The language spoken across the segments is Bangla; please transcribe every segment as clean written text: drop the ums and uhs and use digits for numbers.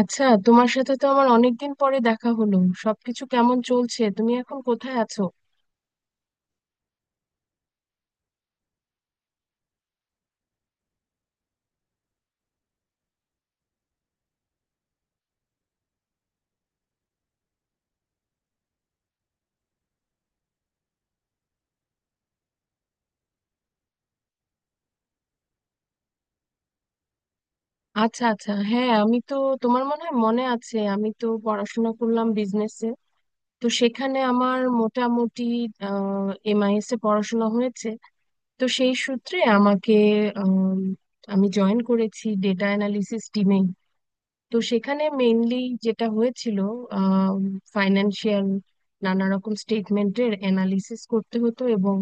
আচ্ছা, তোমার সাথে তো আমার অনেকদিন পরে দেখা হলো। সবকিছু কেমন চলছে? তুমি এখন কোথায় আছো? আচ্ছা আচ্ছা, হ্যাঁ। আমি তো তোমার মনে হয় মনে আছে, আমি তো পড়াশোনা করলাম বিজনেসে। তো সেখানে আমার মোটামুটি এমআইএস এ পড়াশোনা হয়েছে। তো সেই সূত্রে আমাকে আম, আমি জয়েন করেছি ডেটা অ্যানালিসিস টিমে। তো সেখানে মেইনলি যেটা হয়েছিল, ফাইন্যান্সিয়াল নানা রকম স্টেটমেন্টের অ্যানালিসিস করতে হতো, এবং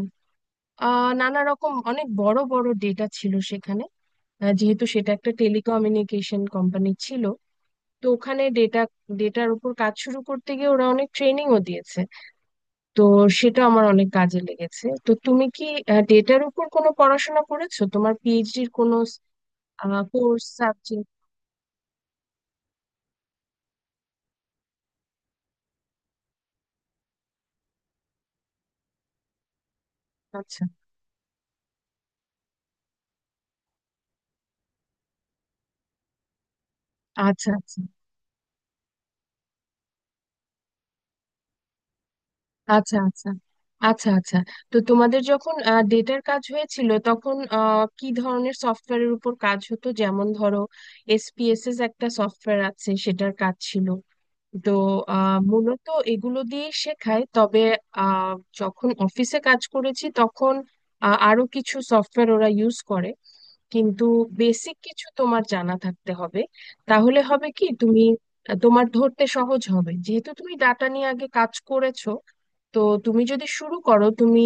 নানা রকম অনেক বড় বড় ডেটা ছিল সেখানে, যেহেতু সেটা একটা টেলিকমিউনিকেশন কোম্পানি ছিল। তো ওখানে ডেটার উপর কাজ শুরু করতে গিয়ে ওরা অনেক ট্রেনিংও দিয়েছে। তো সেটা আমার অনেক কাজে লেগেছে। তো তুমি কি ডেটার উপর কোনো পড়াশোনা করেছো? তোমার পিএইচডির কোনো কোর্স সাবজেক্ট? আচ্ছা আচ্ছা আচ্ছা। আচ্ছা আচ্ছা আচ্ছা আচ্ছা। তো তোমাদের যখন ডেটার কাজ হয়েছিল তখন কি ধরনের সফটওয়্যারের উপর কাজ হতো? যেমন ধরো, এসপিএসএস একটা সফটওয়্যার আছে, সেটার কাজ ছিল। তো মূলত এগুলো দিয়ে শেখায়, তবে আহ, যখন অফিসে কাজ করেছি তখন আরো কিছু সফটওয়্যার ওরা ইউজ করে। কিন্তু বেসিক কিছু তোমার জানা থাকতে হবে, তাহলে হবে কি তুমি, তোমার ধরতে সহজ হবে যেহেতু তুমি ডাটা নিয়ে আগে কাজ করেছো। তো তুমি যদি শুরু করো, তুমি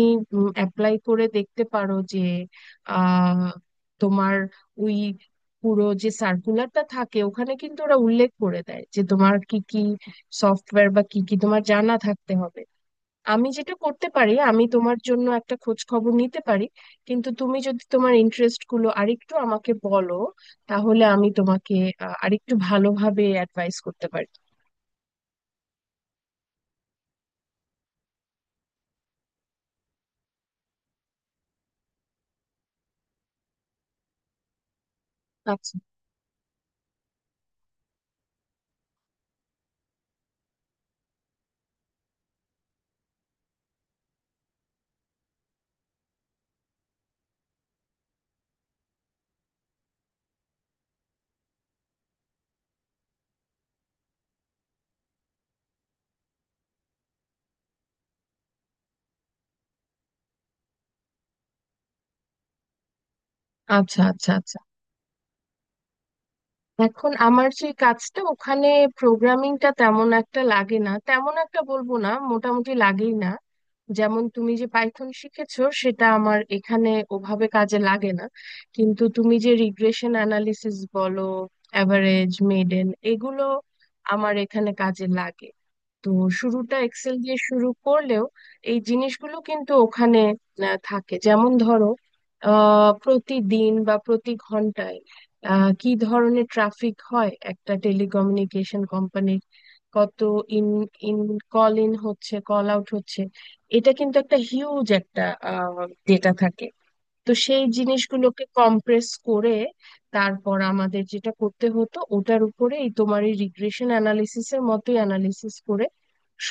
অ্যাপ্লাই করে দেখতে পারো যে আহ তোমার ওই পুরো যে সার্কুলারটা থাকে ওখানে কিন্তু ওরা উল্লেখ করে দেয় যে তোমার কি কি সফটওয়্যার বা কি কি তোমার জানা থাকতে হবে। আমি যেটা করতে পারি, আমি তোমার জন্য একটা খোঁজ খবর নিতে পারি, কিন্তু তুমি যদি তোমার ইন্টারেস্ট গুলো আরেকটু আমাকে বলো, তাহলে আমি তোমাকে আরেকটু ভালোভাবে অ্যাডভাইস করতে পারি। আচ্ছা আচ্ছা আচ্ছা আচ্ছা। এখন আমার যে কাজটা ওখানে, প্রোগ্রামিংটা তেমন একটা লাগে না, তেমন একটা বলবো না, মোটামুটি লাগেই না। যেমন তুমি যে পাইথন শিখেছো সেটা আমার এখানে ওভাবে কাজে লাগে না। কিন্তু তুমি যে রিগ্রেশন অ্যানালিসিস বলো, অ্যাভারেজ মেডেন, এগুলো আমার এখানে কাজে লাগে। তো শুরুটা এক্সেল দিয়ে শুরু করলেও এই জিনিসগুলো কিন্তু ওখানে থাকে। যেমন ধরো, প্রতিদিন বা প্রতি ঘন্টায় কি ধরনের ট্রাফিক হয় একটা টেলিকমিউনিকেশন কোম্পানির, কত ইন ইন কল ইন হচ্ছে, কল আউট হচ্ছে, এটা কিন্তু একটা হিউজ একটা ডেটা থাকে। তো সেই জিনিসগুলোকে কম্প্রেস করে তারপর আমাদের যেটা করতে হতো, ওটার উপরে এই তোমার এই রিগ্রেশন অ্যানালিসিসের মতোই অ্যানালিসিস করে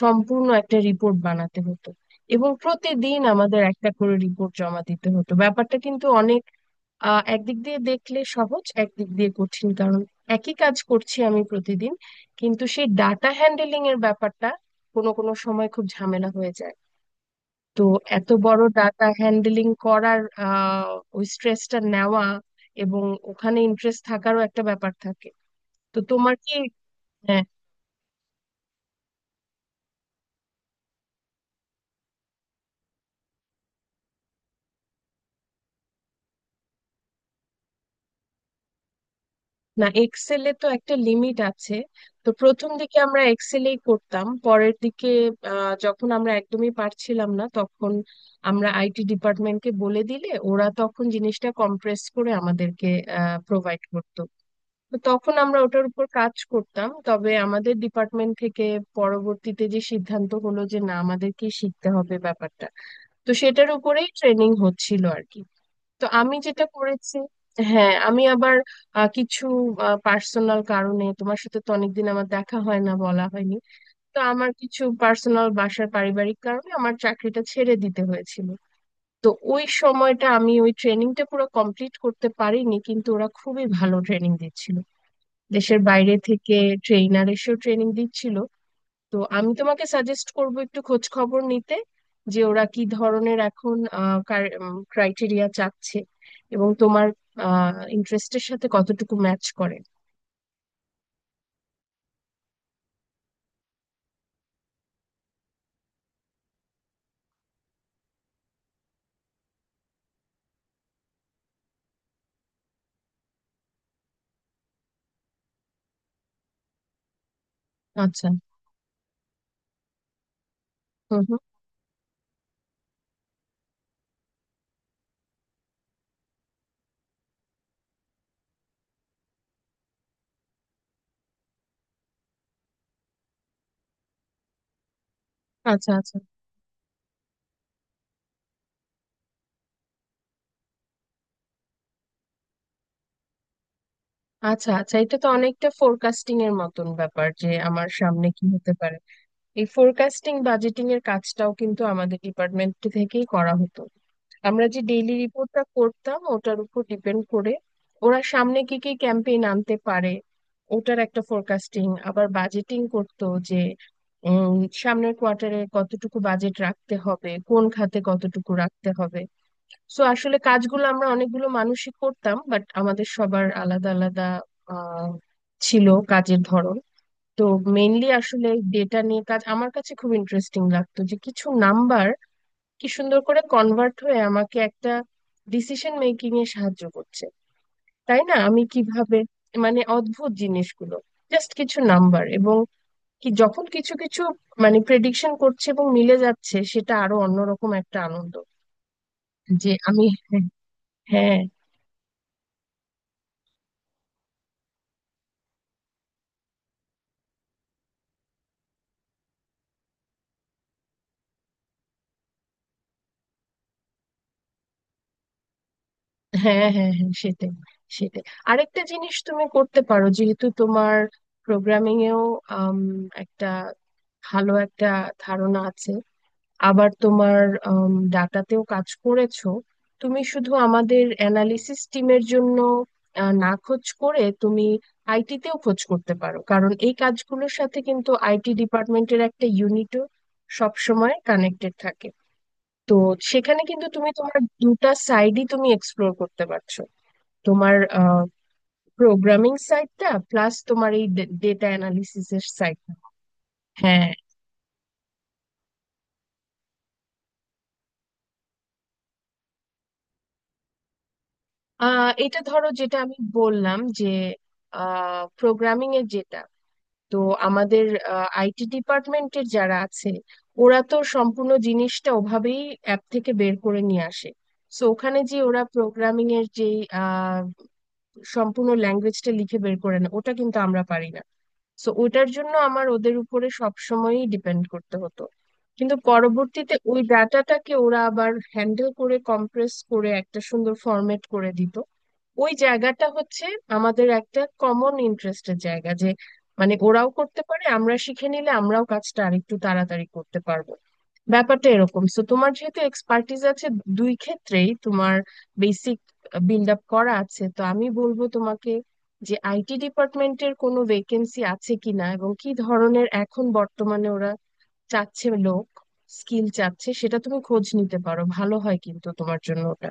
সম্পূর্ণ একটা রিপোর্ট বানাতে হতো। এবং প্রতিদিন আমাদের একটা করে রিপোর্ট জমা দিতে হতো। ব্যাপারটা কিন্তু অনেক, একদিক দিয়ে দেখলে সহজ, একদিক দিয়ে কঠিন। কারণ একই কাজ করছি আমি প্রতিদিন, কিন্তু সেই ডাটা হ্যান্ডেলিং এর ব্যাপারটা কোনো কোনো সময় খুব ঝামেলা হয়ে যায়। তো এত বড় ডাটা হ্যান্ডলিং করার ওই স্ট্রেসটা নেওয়া, এবং ওখানে ইন্টারেস্ট থাকারও একটা ব্যাপার থাকে। তো তোমার কি, হ্যাঁ। না, এক্সেলে তো একটা লিমিট আছে। তো প্রথম দিকে আমরা এক্সেলেই করতাম, পরের দিকে যখন আমরা একদমই পারছিলাম না, তখন আমরা আইটি ডিপার্টমেন্টকে বলে দিলে ওরা তখন জিনিসটা কম্প্রেস করে আমাদেরকে প্রোভাইড করতো। তো তখন আমরা ওটার উপর কাজ করতাম। তবে আমাদের ডিপার্টমেন্ট থেকে পরবর্তীতে যে সিদ্ধান্ত হলো যে না, আমাদেরকে শিখতে হবে ব্যাপারটা, তো সেটার উপরেই ট্রেনিং হচ্ছিল আর কি। তো আমি যেটা করেছি, হ্যাঁ আমি আবার কিছু পার্সোনাল কারণে, তোমার সাথে তো অনেকদিন আমার দেখা হয় না, বলা হয়নি। তো আমার কিছু পার্সোনাল বাসার পারিবারিক কারণে আমার চাকরিটা ছেড়ে দিতে হয়েছিল। তো ওই সময়টা আমি ওই ট্রেনিংটা পুরো কমপ্লিট করতে পারিনি। কিন্তু ওরা খুবই ভালো ট্রেনিং দিচ্ছিল, দেশের বাইরে থেকে ট্রেইনার এসেও ট্রেনিং দিচ্ছিল। তো আমি তোমাকে সাজেস্ট করব একটু খোঁজ খবর নিতে যে ওরা কি ধরনের এখন ক্রাইটেরিয়া চাচ্ছে, এবং তোমার ইন্টারেস্টের সাথে কতটুকু ম্যাচ করে। আচ্ছা। হুম হুম। আচ্ছা আচ্ছা আচ্ছা। আচ্ছা, এটা তো অনেকটা ফোরকাস্টিং এর মতন ব্যাপার, যে আমার সামনে কি হতে পারে। এই ফোরকাস্টিং বাজেটিং এর কাজটাও কিন্তু আমাদের ডিপার্টমেন্ট থেকেই করা হতো। আমরা যে ডেইলি রিপোর্টটা করতাম ওটার উপর ডিপেন্ড করে ওরা সামনে কি কি ক্যাম্পেইন আনতে পারে ওটার একটা ফোরকাস্টিং আবার বাজেটিং করতো যে উম, সামনের কোয়ার্টারে কতটুকু বাজেট রাখতে হবে, কোন খাতে কতটুকু রাখতে হবে। সো আসলে কাজগুলো আমরা অনেকগুলো মানুষই করতাম, বাট আমাদের সবার আলাদা আলাদা আহ ছিল কাজের ধরন। তো মেইনলি আসলে ডেটা নিয়ে কাজ আমার কাছে খুব ইন্টারেস্টিং লাগতো, যে কিছু নাম্বার কি সুন্দর করে কনভার্ট হয়ে আমাকে একটা ডিসিশন মেকিং এ সাহায্য করছে। তাই না? আমি কিভাবে, মানে অদ্ভুত জিনিসগুলো, জাস্ট কিছু নাম্বার, এবং কি যখন কিছু কিছু মানে প্রেডিকশন করছে এবং মিলে যাচ্ছে, সেটা আরো অন্যরকম একটা আনন্দ যে আমি। হ্যাঁ, হ্যাঁ। হ্যাঁ হ্যাঁ হ্যাঁ, সেটাই সেটাই। আরেকটা জিনিস তুমি করতে পারো, যেহেতু তোমার প্রোগ্রামিং এও আম, একটা ভালো একটা ধারণা আছে, আবার তোমার ডাটাতেও কাজ করেছো। তুমি শুধু আমাদের অ্যানালিসিস টিমের জন্য না খোঁজ করে তুমি আইটি তেও খোঁজ করতে পারো, কারণ এই কাজগুলোর সাথে কিন্তু আইটি ডিপার্টমেন্টের একটা ইউনিটও সবসময় কানেক্টেড থাকে। তো সেখানে কিন্তু তুমি তোমার দুটা সাইডই তুমি এক্সপ্লোর করতে পারছো। তোমার প্রোগ্রামিং সাইডটা প্লাস তোমার এই ডেটা অ্যানালিসিস এর সাইডটা। হ্যাঁ, এটা ধরো, যেটা আমি বললাম যে প্রোগ্রামিং এর যেটা, তো আমাদের আইটি ডিপার্টমেন্টের যারা আছে, ওরা তো সম্পূর্ণ জিনিসটা ওভাবেই অ্যাপ থেকে বের করে নিয়ে আসে। সো ওখানে যে ওরা প্রোগ্রামিং এর যে আহ, সম্পূর্ণ ল্যাঙ্গুয়েজটা লিখে বের করে, না, ওটা কিন্তু আমরা পারি না। সো ওটার জন্য আমার ওদের উপরে সব সময়ই ডিপেন্ড করতে হতো। কিন্তু পরবর্তীতে ওই ডাটাটাকে ওরা আবার হ্যান্ডেল করে, কম্প্রেস করে একটা সুন্দর ফরম্যাট করে দিত। ওই জায়গাটা হচ্ছে আমাদের একটা কমন ইন্টারেস্টের জায়গা, যে মানে ওরাও করতে পারে, আমরা শিখে নিলে আমরাও কাজটা আরেকটু তাড়াতাড়ি করতে পারবো। ব্যাপারটা এরকম। সো তোমার যেহেতু এক্সপার্টিস আছে দুই ক্ষেত্রেই, তোমার বেসিক বিল্ড আপ করা আছে, তো আমি বলবো তোমাকে যে আইটি ডিপার্টমেন্টের কোনো ভেকেন্সি আছে কিনা, এবং কি ধরনের এখন বর্তমানে ওরা চাচ্ছে, লোক স্কিল চাচ্ছে, সেটা তুমি খোঁজ নিতে পারো, ভালো হয় কিন্তু তোমার জন্য ওটা।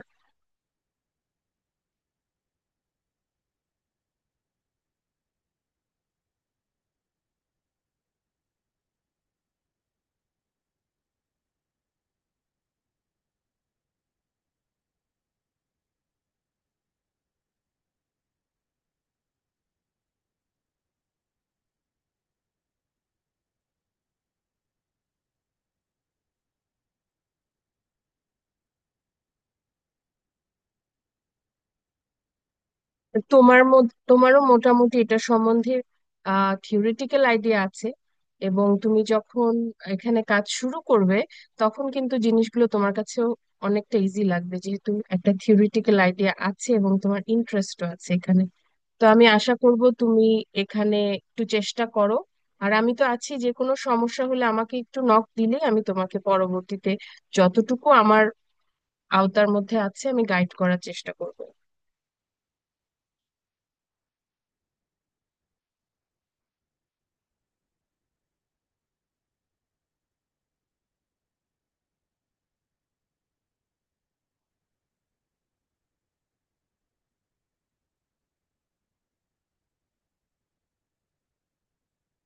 তোমার মধ্যে, তোমারও মোটামুটি এটা সম্বন্ধে থিওরিটিক্যাল আইডিয়া আছে, এবং তুমি যখন এখানে কাজ শুরু করবে, তখন কিন্তু জিনিসগুলো তোমার কাছেও অনেকটা ইজি লাগবে, যেহেতু একটা থিওরিটিক্যাল আইডিয়া আছে এবং তোমার ইন্টারেস্টও আছে এখানে। তো আমি আশা করব তুমি এখানে একটু চেষ্টা করো। আর আমি তো আছি, যে কোনো সমস্যা হলে আমাকে একটু নক দিলে আমি তোমাকে পরবর্তীতে যতটুকু আমার আওতার মধ্যে আছে আমি গাইড করার চেষ্টা করব।